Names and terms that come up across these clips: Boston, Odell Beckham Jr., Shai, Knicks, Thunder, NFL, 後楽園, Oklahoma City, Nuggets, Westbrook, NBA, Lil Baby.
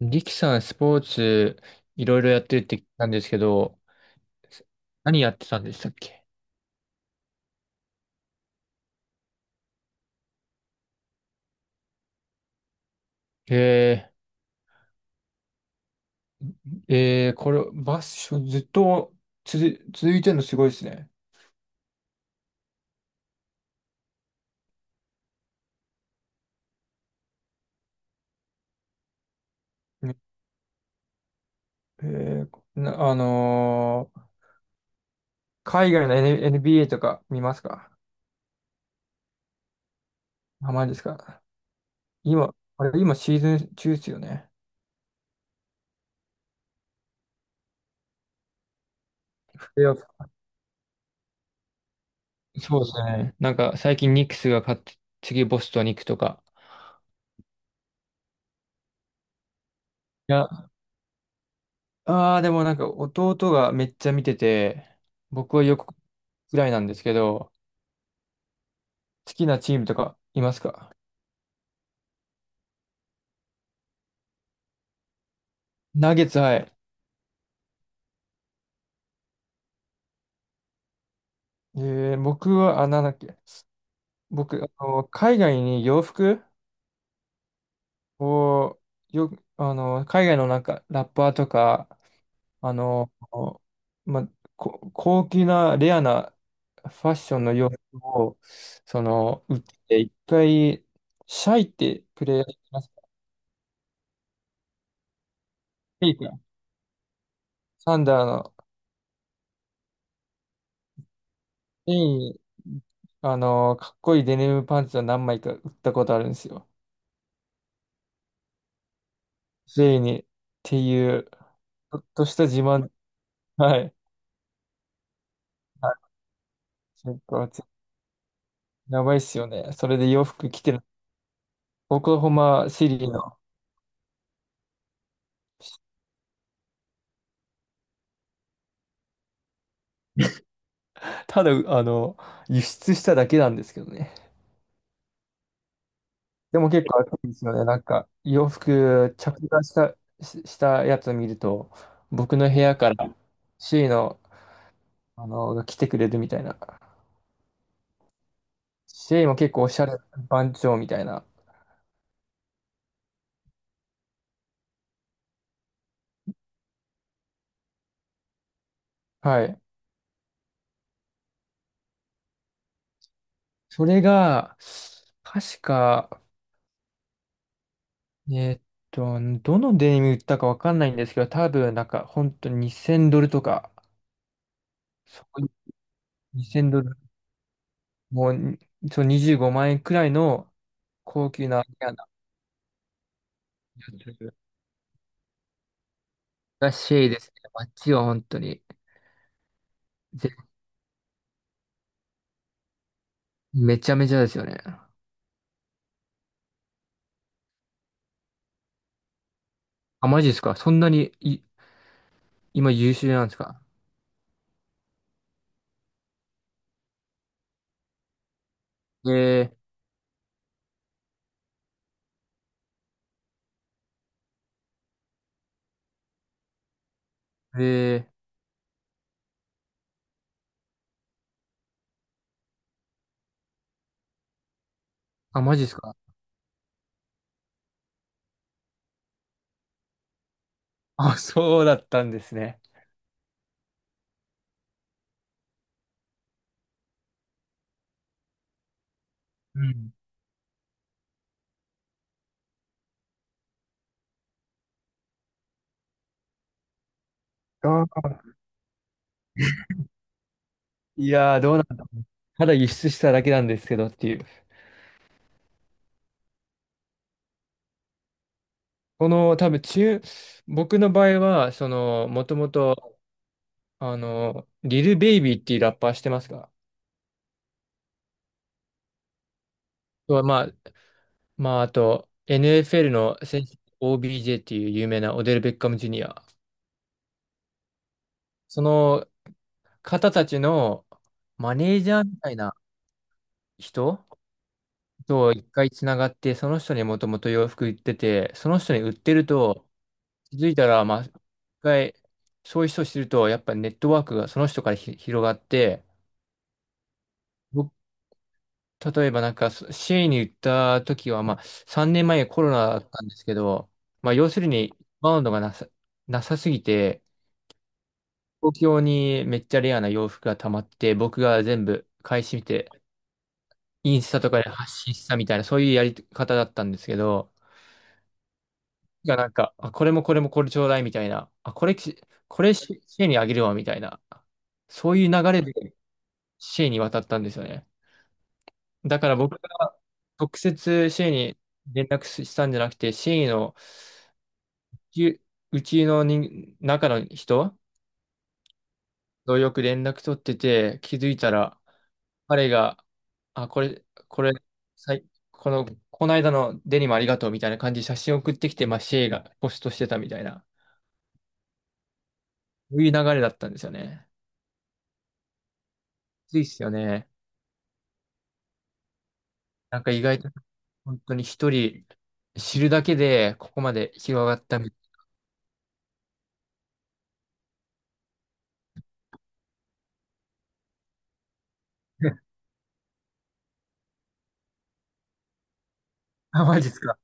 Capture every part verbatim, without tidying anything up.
リキさん、スポーツ、いろいろやってるって聞いたんですけど、何やってたんでしたっけ？えー、えー、これ、バッシュずっと続続いてるのすごいですね。ねえー、なあのー海外の N- b a とか見ますか？あまりですか？今、あれ、今シーズン中ですよね。プレーオフ。そうですね。なんか、最近ニックスが勝って、次ボストンに行くとか。いや、ああ、でもなんか弟がめっちゃ見てて、僕はよくぐらいなんですけど、好きなチームとかいますか？ナゲッツ、はい。えー僕は、あ、なんだっけ。僕、あの、海外に洋服を、よ、あの、海外のなんか、ラッパーとか、あの、ま、こ高級な、レアなファッションの洋服を、その、売って、一回、シャイってプレイヤーいますか？シェイクサンダーの、フェイン、あの、かっこいいデニムパンツを何枚か売ったことあるんですよ。ェイにっていう、ちょっとした自慢。はい。はい。結構い、やばいっすよね。それで洋服着てる。オクラホマシリの。ただ、あの、輸出しただけなんですけどね。でも結構暑いんですよね。なんか、洋服着火した、し、したやつを見ると、僕の部屋からシェイの、あの、が来てくれるみたいな。シェイも結構おしゃれ番長みたいな。はい。それが、確か、えーっと、どのデニム売ったかわかんないんですけど、多分なんか本当ににせんドルとか、にせんドル、もうに、そう、にじゅうごまん円くらいの高級なレアなやつがシェイですね。あっちは本当にぜめちゃめちゃですよね。あ、マジですか？そんなにい今優秀なんですか？えー、えー、あ、マジですか？あ、そうだったんですね。うん。あー、いやー、どうなん、ただ輸出しただけなんですけどっていう。この多分中、僕の場合は、その、もともと、あの、リル・ベイビーっていうラッパーしてますか？とまあ、まあ、あと、エヌエフエル の選手、オービージェー っていう有名なオデル・ベッカム・ジュニア。その方たちのマネージャーみたいな人と一回つながって、その人にもともと洋服売ってて、その人に売ってると、気づいたら、まあ、一回、そういう人を知ると、やっぱネットワークがその人からひ広がって、僕、例えばなんか、そシェイに行った時は、まあ、さんねんまえコロナだったんですけど、まあ、要するに、バウンドがなさ、なさすぎて、東京にめっちゃレアな洋服が溜まって、僕が全部買い占めて、インスタとかで発信したみたいな、そういうやり方だったんですけど、がなんか、あ、これもこれもこれちょうだいみたいな、あ、これき、これシェシェイにあげるわみたいな、そういう流れでシェイに渡ったんですよね。だから僕が直接シ C に連絡したんじゃなくて、シ C のううちの人、中の人とよく連絡取ってて、気づいたら、彼が、あ、これ、これ、さい、この、この間のデニムありがとうみたいな感じで写真送ってきて、まあ、シェイがポストしてたみたいな、そういう流れだったんですよね。ついっすよね。なんか意外と、本当に一人知るだけで、ここまで広がったみたいな。あ、マジっすか。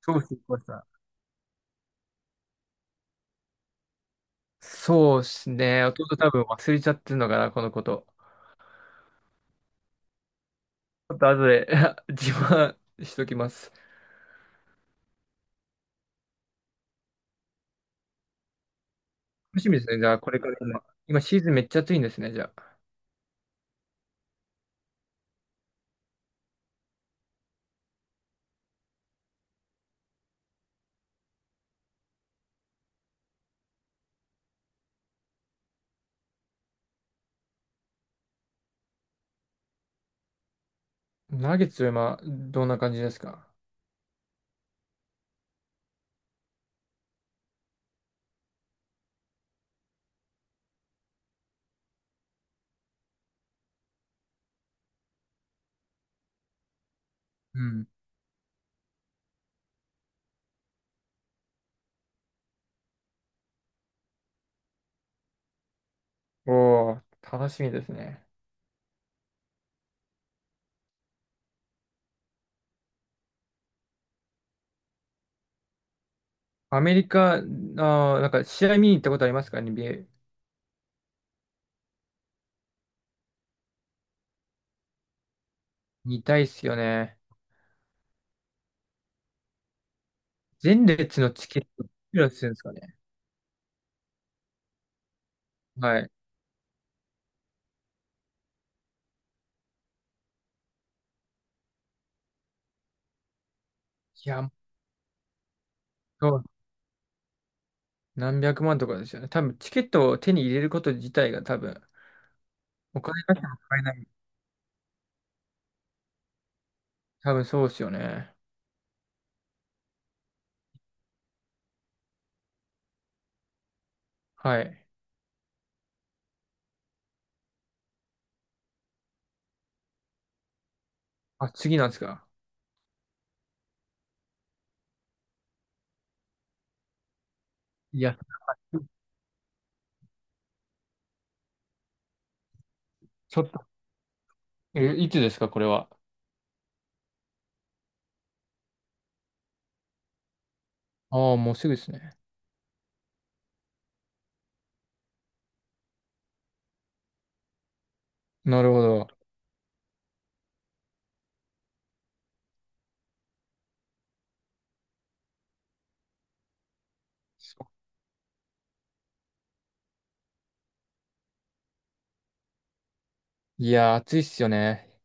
そうっす、これさ。そうですね。弟多分忘れちゃってるのかな、このこと。ちょっと後で 自慢しときます。楽しみですね。じゃあ、これから今。今シーズンめっちゃ暑いんですね、じゃあ。ナゲッツは今、どんな感じですか？うん。おお、楽しみですね。アメリカ、あー、なんか試合見に行ったことありますか、 n b？ 見たいっすよね。前列のチケット、いくらするんですかね。はい。いや、そう、何百万とかですよね。多分、チケットを手に入れること自体が多分、お金出しても買えない。多分そうですよね。はい。あ、次なんですか。いや、ちょっと、え、いつですか、これは。ああ、もうすぐですね。なるほど。いやー、暑いっすよね。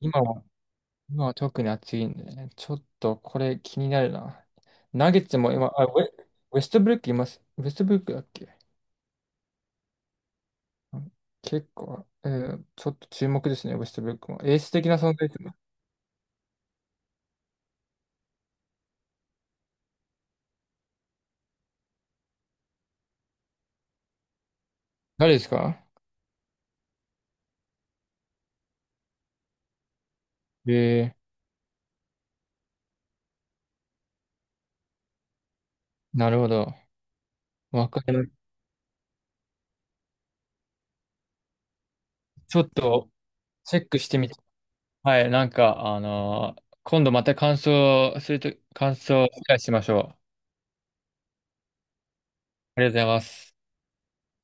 今は、今は特に暑いんでね。ちょっと、これ気になるな。ナゲッツも今、あ、ウェ、ウェストブルックいます。ウェストブルックだっけ？うん。結構、えーちょっと注目ですね、ウェストブルックも。エース的な存在ですね。誰ですか？えー、なるほど。わかりま、ちょっと、チェックしてみ、はい、なんか、あのー今度また感想すると、感想を理解しましょう。ありがとうございます。